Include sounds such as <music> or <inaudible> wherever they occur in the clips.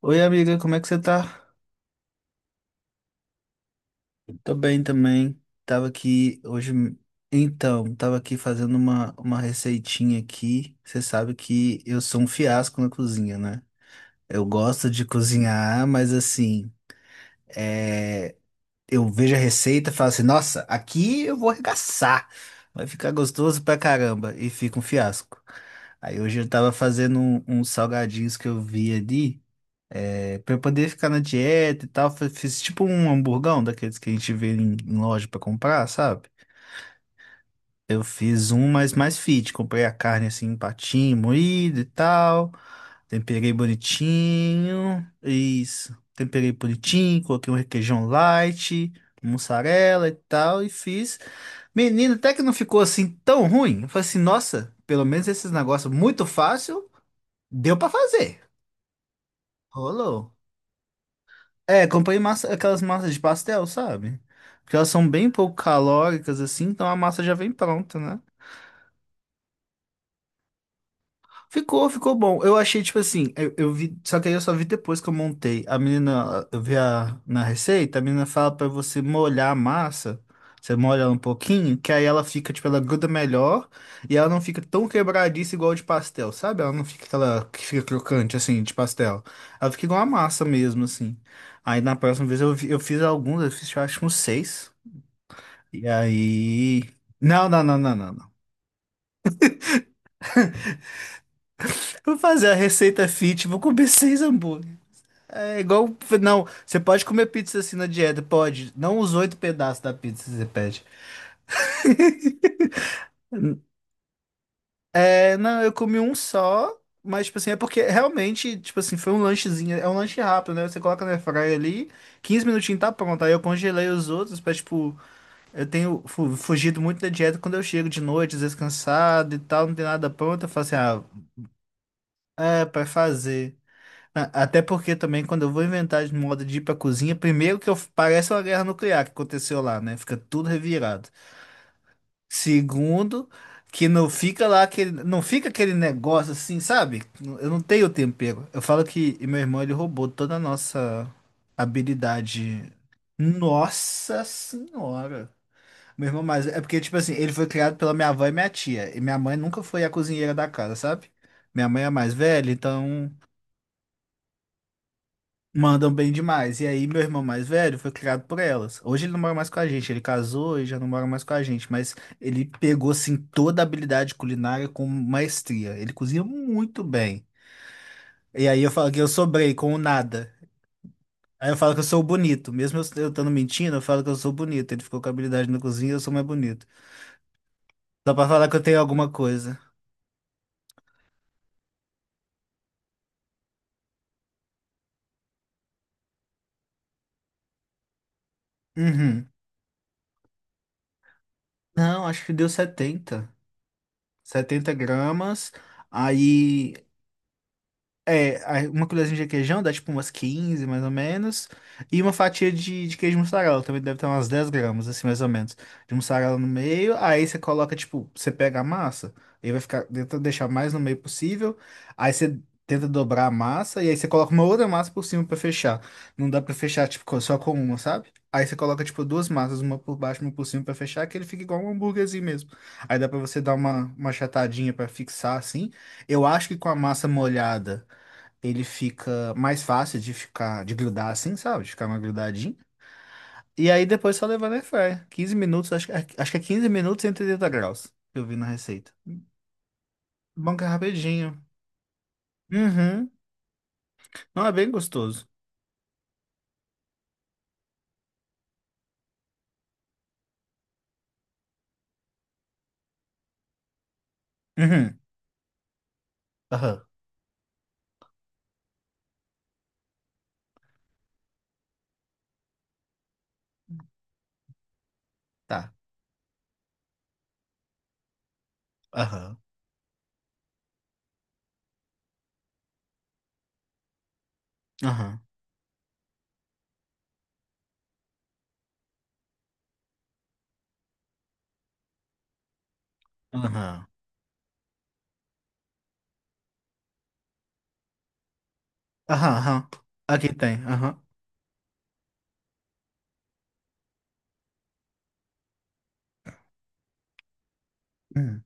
Oi, amiga, como é que você tá? Tô bem também. Tava aqui hoje. Então, tava aqui fazendo uma receitinha aqui. Você sabe que eu sou um fiasco na cozinha, né? Eu gosto de cozinhar, mas assim, é... eu vejo a receita e falo assim: nossa, aqui eu vou arregaçar. Vai ficar gostoso pra caramba. E fica um fiasco. Aí hoje eu tava fazendo uns salgadinhos que eu vi ali. É, pra eu poder ficar na dieta e tal, fiz tipo um hamburgão daqueles que a gente vê em loja pra comprar, sabe? Eu fiz um, mas mais fit. Comprei a carne assim, em patinho, moído e tal. Temperei bonitinho. Isso. Temperei bonitinho, coloquei um requeijão light, mussarela e tal, e fiz. Menino, até que não ficou assim tão ruim. Eu falei assim, nossa, pelo menos esses negócios muito fácil, deu pra fazer. Rolou. É, comprei massa, aquelas massas de pastel, sabe? Porque elas são bem pouco calóricas, assim, então a massa já vem pronta, né? Ficou, ficou bom. Eu achei, tipo assim, eu vi, só que aí eu só vi depois que eu montei. A menina, eu vi na receita, a menina fala pra você molhar a massa, você molha ela um pouquinho, que aí ela fica, tipo, ela gruda melhor e ela não fica tão quebradiça igual a de pastel, sabe? Ela não fica aquela que fica crocante, assim, de pastel. Ela fica igual a massa mesmo, assim. Aí na próxima vez eu fiz alguns, eu fiz, eu acho, uns seis. E aí. Não, não, não, não, não, não. Vou fazer a receita fit, vou comer seis hambúrgueres. É igual. Não, você pode comer pizza assim na dieta, pode. Não os oito pedaços da pizza que você pede. É, não, eu comi um só, mas, tipo assim, é porque realmente, tipo assim, foi um lanchezinho. É um lanche rápido, né? Você coloca na airfryer ali, 15 minutinhos tá pronto. Aí eu congelei os outros pra, tipo, eu tenho fugido muito da dieta quando eu chego de noite, às vezes cansado e tal, não tem nada pronto. Eu falo assim, ah, é, pra fazer. Até porque também quando eu vou inventar de modo de ir pra cozinha, primeiro que eu, parece uma guerra nuclear que aconteceu lá, né? Fica tudo revirado. Segundo, que não fica lá aquele, não fica aquele negócio assim, sabe? Eu não tenho tempero. Eu falo que meu irmão ele roubou toda a nossa habilidade. Nossa senhora. Meu irmão, mas é porque tipo assim, ele foi criado pela minha avó e minha tia, e minha mãe nunca foi a cozinheira da casa, sabe? Minha mãe é a mais velha, então mandam bem demais. E aí, meu irmão mais velho foi criado por elas. Hoje ele não mora mais com a gente, ele casou e já não mora mais com a gente, mas ele pegou assim toda a habilidade culinária com maestria. Ele cozinha muito bem. E aí eu falo que eu sobrei com o nada. Aí eu falo que eu sou bonito. Mesmo eu estando mentindo, eu falo que eu sou bonito. Ele ficou com habilidade na cozinha, eu sou mais bonito. Só pra falar que eu tenho alguma coisa. Uhum. Não, acho que deu setenta gramas. Aí é, aí uma colherzinha de requeijão dá tipo umas 15 mais ou menos. E uma fatia de queijo mussarela, também deve ter umas 10 gramas, assim, mais ou menos. De mussarela no meio, aí você coloca, tipo, você pega a massa, aí vai ficar, tenta deixar mais no meio possível. Aí você tenta dobrar a massa, e aí você coloca uma outra massa por cima pra fechar. Não dá pra fechar, tipo, só com uma, sabe? Aí você coloca, tipo, duas massas, uma por baixo e uma por cima pra fechar, que ele fica igual um hambúrguerzinho mesmo. Aí dá pra você dar uma achatadinha pra fixar, assim. Eu acho que com a massa molhada ele fica mais fácil de ficar, de grudar assim, sabe? De ficar mais grudadinho. E aí depois só levar na airfryer. 15 minutos, acho, acho que é 15 minutos e 180 graus, que eu vi na receita. Bom que é rapidinho. Uhum. Não, é bem gostoso. Uhum. Aham. Tá. Aham. Aham. Aham. Aham. Aham. Aqui tem. Aham. Hum.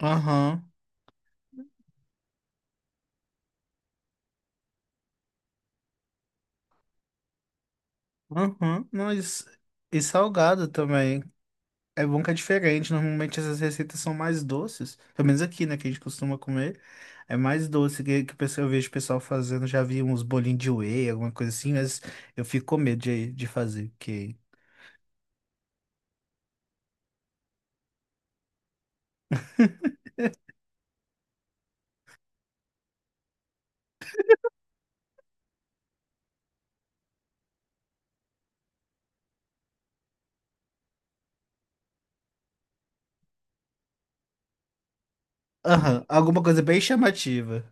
Aham. Aham. Não, e, e salgado também. É bom que é diferente. Normalmente essas receitas são mais doces. Pelo menos aqui, né? Que a gente costuma comer. É mais doce que o pessoal... eu vejo o pessoal fazendo. Já vi uns bolinhos de whey, alguma coisa assim. Mas eu fico com medo de fazer. Porque... Aham, alguma coisa bem chamativa.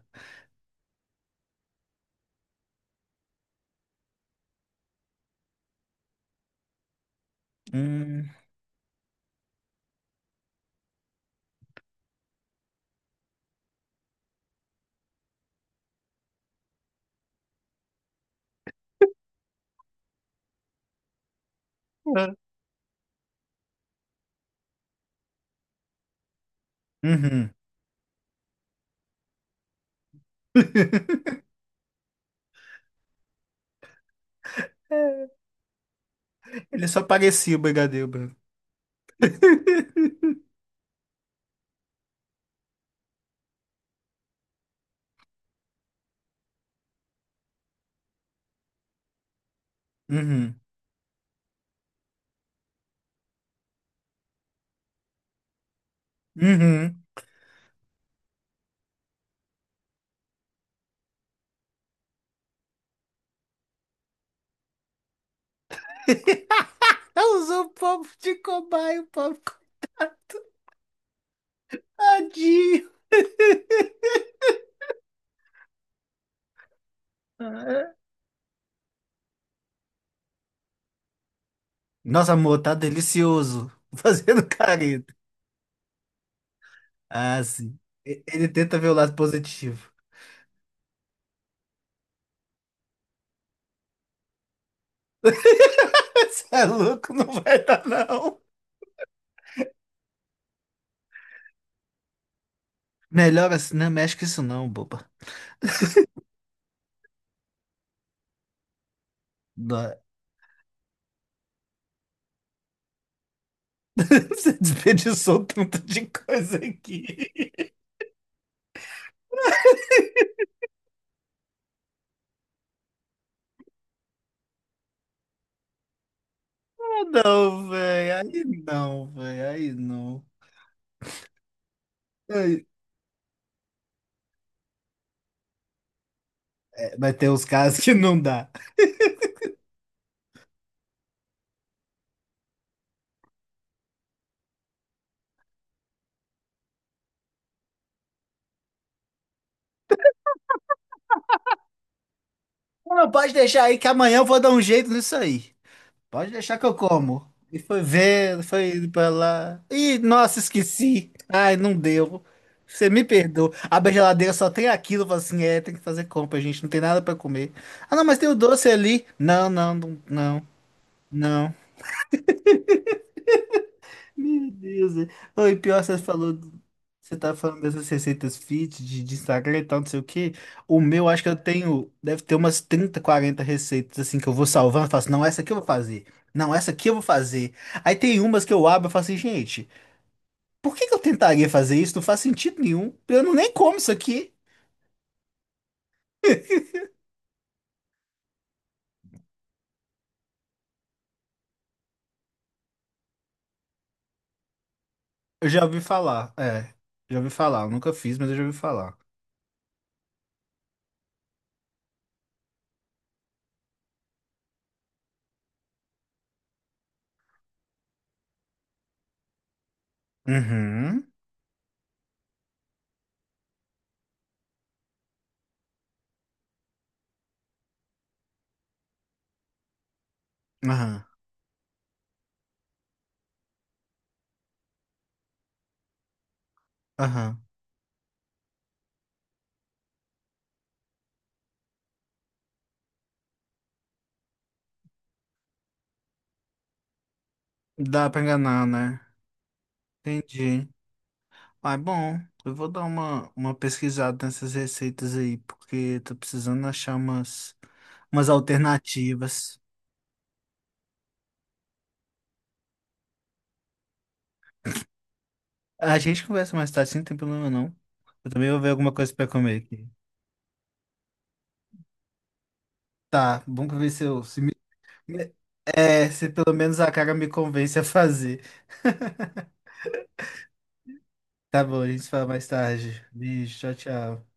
Hum, É. Uhum. <laughs> Ele só parecia o brigadeiro branco. <laughs> Uhum, uhum. <laughs> Ela usou o povo de cobaia, o povo tadinho. Nossa, amor, tá delicioso. <laughs> Fazendo careta. Ah, sim. Ele tenta ver o lado positivo. <laughs> Você é louco, não vai dar, não. Melhor assim, não mexe com isso, não, boba. Dó- <laughs> Você desperdiçou um tanto de coisa aqui. <laughs> Ah, não, velho. Aí não, velho. Aí não. Aí- é, vai ter uns casos que não dá. Não, pode deixar aí que amanhã eu vou dar um jeito nisso aí. Pode deixar que eu como. E foi ver, foi indo pra lá. Ih, nossa, esqueci. Ai, não deu. Você me perdoa. A geladeira só tem aquilo, eu falo assim, é, tem que fazer compra, gente. Não tem nada pra comer. Ah, não, mas tem o doce ali. Não, não, não, não. Não. Meu Deus. É. Não, e pior, você falou. Você tá falando dessas receitas fit de Instagram e tal, não sei o quê. O meu, acho que eu tenho. Deve ter umas 30 40 receitas assim que eu vou salvando. Eu faço, não, essa aqui eu vou fazer. Não, essa aqui eu vou fazer. Aí tem umas que eu abro e falo assim, gente, por que que eu tentaria fazer isso? Não faz sentido nenhum. Eu não nem como isso aqui. Eu já ouvi falar. É, já ouvi falar. Eu nunca fiz, mas eu já ouvi falar. Uhum. Aham. Aham. Dá pra enganar, né? Entendi. Ah, é bom. Eu vou dar uma pesquisada nessas receitas aí, porque tô precisando achar umas alternativas. A gente conversa mais tarde, sim, não tem problema não. Eu também vou ver alguma coisa pra comer aqui. Tá, vamos ver se eu. Se me- é, se pelo menos a cara me convence a fazer. <laughs> Tá bom, a gente se fala mais tarde. Beijo, tchau, tchau.